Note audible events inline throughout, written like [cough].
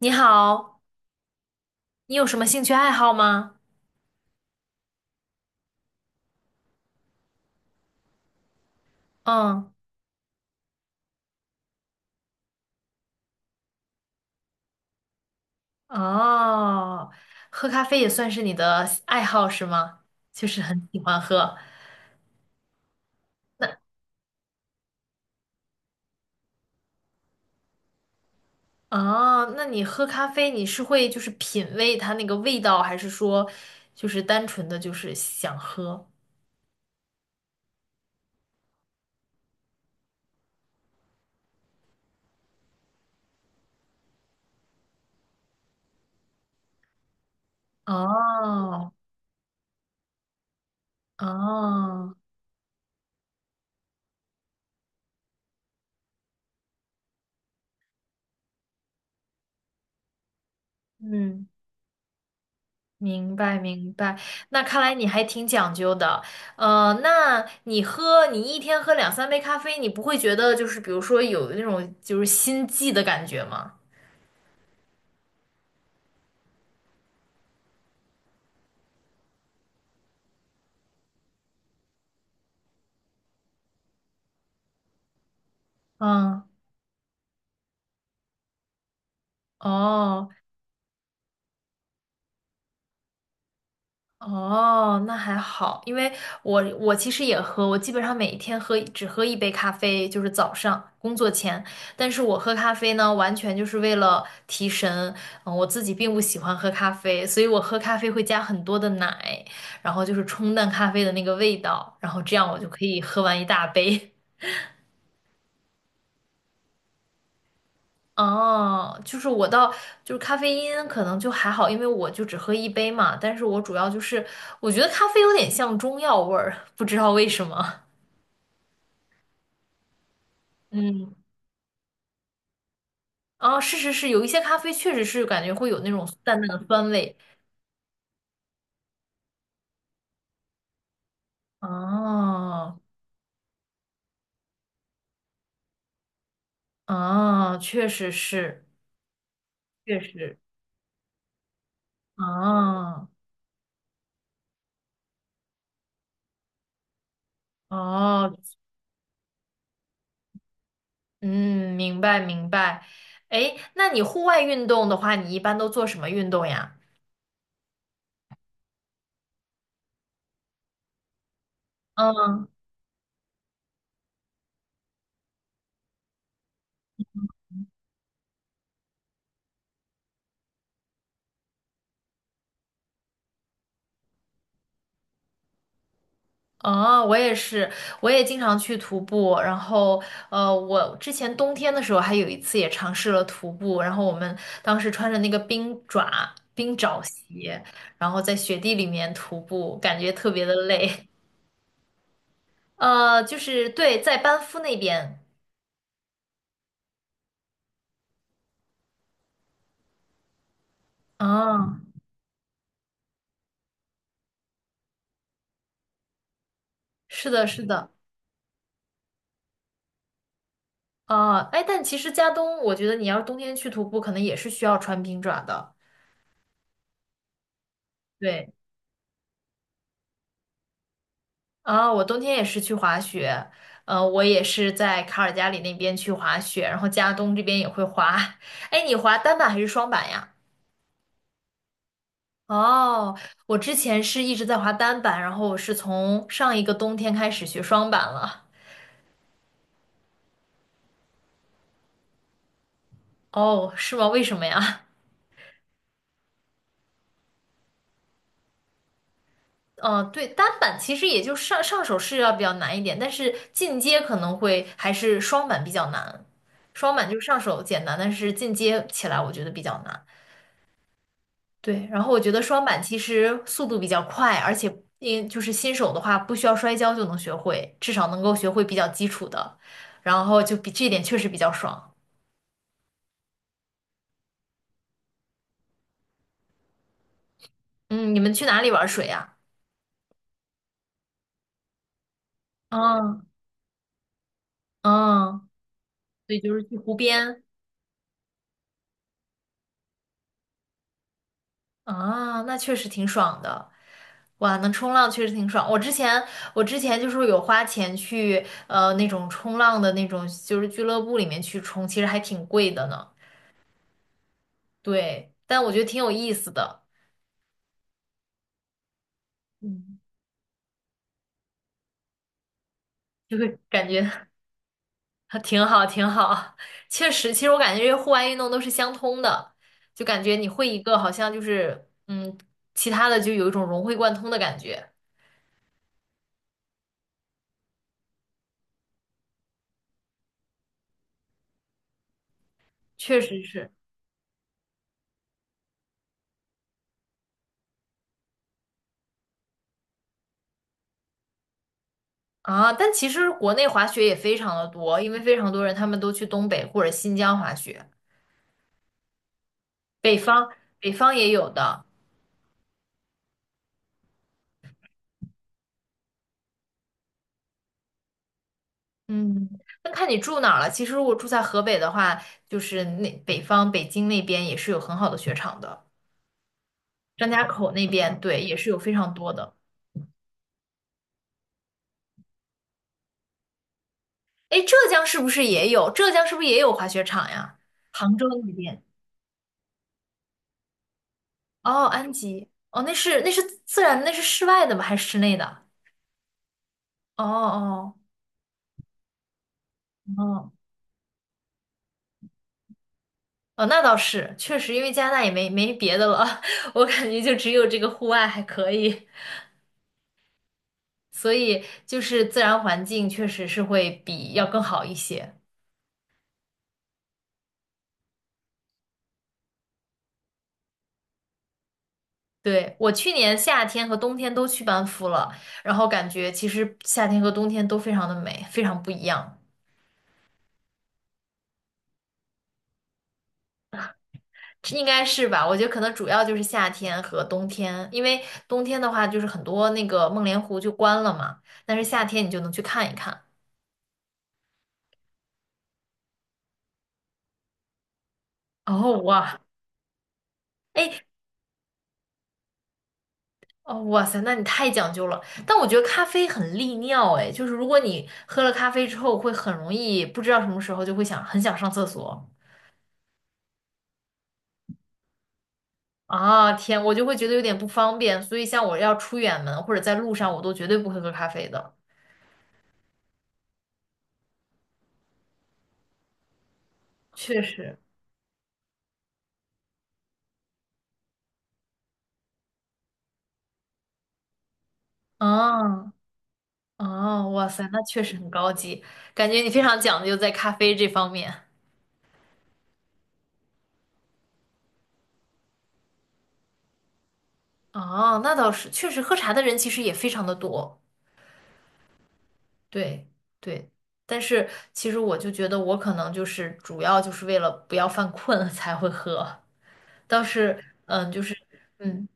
你好，你有什么兴趣爱好吗？嗯。哦，喝咖啡也算是你的爱好是吗？就是很喜欢喝。那哦，那你喝咖啡，你是会就是品味它那个味道，还是说就是单纯的就是想喝？哦。哦。嗯。明白明白，那看来你还挺讲究的。那你喝，你一天喝两三杯咖啡，你不会觉得就是比如说有那种就是心悸的感觉吗？嗯。哦。哦，那还好，因为我其实也喝，我基本上每一天喝只喝一杯咖啡，就是早上工作前。但是我喝咖啡呢，完全就是为了提神。嗯，我自己并不喜欢喝咖啡，所以我喝咖啡会加很多的奶，然后就是冲淡咖啡的那个味道，然后这样我就可以喝完一大杯。[laughs] 哦，就是我倒就是咖啡因可能就还好，因为我就只喝一杯嘛。但是我主要就是我觉得咖啡有点像中药味儿，不知道为什么。嗯。哦，是是是，有一些咖啡确实是感觉会有那种淡淡的酸味。哦哦，确实是，确实。哦哦。嗯，明白明白。哎，那你户外运动的话，你一般都做什么运动呀？嗯。哦，我也是，我也经常去徒步。然后，我之前冬天的时候还有一次也尝试了徒步。然后我们当时穿着那个冰爪、冰爪鞋，然后在雪地里面徒步，感觉特别的累。就是对，在班夫那边。啊，是的，是的。啊，哎，但其实加东，我觉得你要是冬天去徒步，可能也是需要穿冰爪的。对。啊，我冬天也是去滑雪，我也是在卡尔加里那边去滑雪，然后加东这边也会滑。[laughs] 哎，你滑单板还是双板呀？哦，我之前是一直在滑单板，然后我是从上一个冬天开始学双板了。哦，是吗？为什么呀？[laughs] 哦，对，单板其实也就上手是要比较难一点，但是进阶可能会还是双板比较难。双板就是上手简单，但是进阶起来我觉得比较难。对，然后我觉得双板其实速度比较快，而且因就是新手的话，不需要摔跤就能学会，至少能够学会比较基础的，然后就比这一点确实比较爽。嗯，你们去哪里玩水呀？嗯。嗯。对，就是去湖边啊，那确实挺爽的。哇，能冲浪确实挺爽。我之前就是有花钱去那种冲浪的那种就是俱乐部里面去冲，其实还挺贵的呢。对，但我觉得挺有意思的。嗯。就会感觉啊挺好，挺好。确实，其实我感觉这些户外运动都是相通的，就感觉你会一个，好像就是其他的就有一种融会贯通的感觉。确实是啊，但其实国内滑雪也非常的多，因为非常多人他们都去东北或者新疆滑雪，北方北方也有的。嗯，那看你住哪儿了。其实如果住在河北的话，就是那北方北京那边也是有很好的雪场的，张家口那边对也是有非常多的。哎，浙江是不是也有？浙江是不是也有滑雪场呀？杭州那边。哦，安吉。哦，那是那是自然的那是室外的吗？还是室内的？哦哦。哦哦，那倒是，确实，因为加拿大也没没别的了，[laughs] 我感觉就只有这个户外还可以，所以就是自然环境确实是会比要更好一些。对，我去年夏天和冬天都去班夫了，然后感觉其实夏天和冬天都非常的美，非常不一样。应该是吧？我觉得可能主要就是夏天和冬天，因为冬天的话就是很多那个梦莲湖就关了嘛，但是夏天你就能去看一看。哦哇。哎。哦哇塞，那你太讲究了。但我觉得咖啡很利尿，哎，就是如果你喝了咖啡之后，会很容易不知道什么时候就会想很想上厕所。啊天，我就会觉得有点不方便，所以像我要出远门或者在路上，我都绝对不会喝咖啡的。确实。啊。哦，哇塞，那确实很高级，感觉你非常讲究在咖啡这方面。哦，那倒是，确实喝茶的人其实也非常的多，对对。但是其实我就觉得我可能就是主要就是为了不要犯困 [laughs] 才会喝，倒是嗯，就是嗯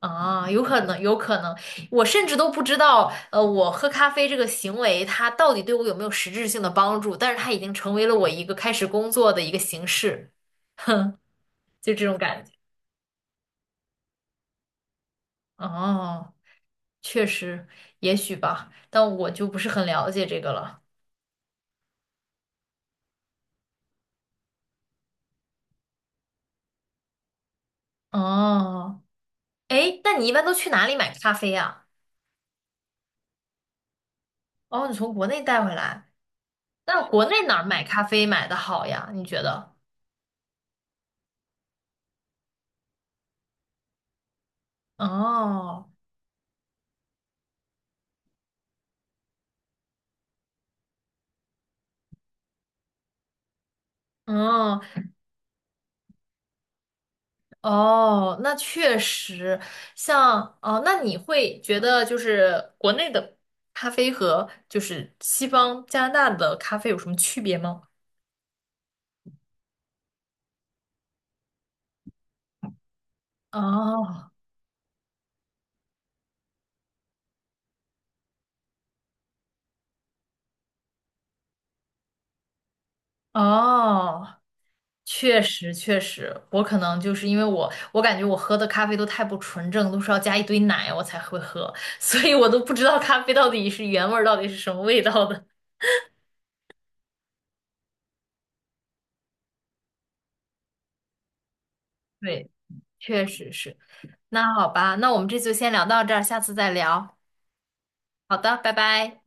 啊，有可能有可能，我甚至都不知道我喝咖啡这个行为它到底对我有没有实质性的帮助，但是它已经成为了我一个开始工作的一个形式，嗯，就这种感觉。哦，确实，也许吧，但我就不是很了解这个了。哦，哎，那你一般都去哪里买咖啡呀？哦，你从国内带回来，那国内哪儿买咖啡买的好呀？你觉得？哦。哦。哦，那确实，像哦，那你会觉得就是国内的咖啡和就是西方加拿大的咖啡有什么区别吗？哦。哦。确实，确实，我可能就是因为我，我感觉我喝的咖啡都太不纯正，都是要加一堆奶我才会喝，[laughs] 所以我都不知道咖啡到底是原味儿，到底是什么味道的。[laughs] 对，确实是。那好吧，那我们这次就先聊到这儿，下次再聊。好的，拜拜。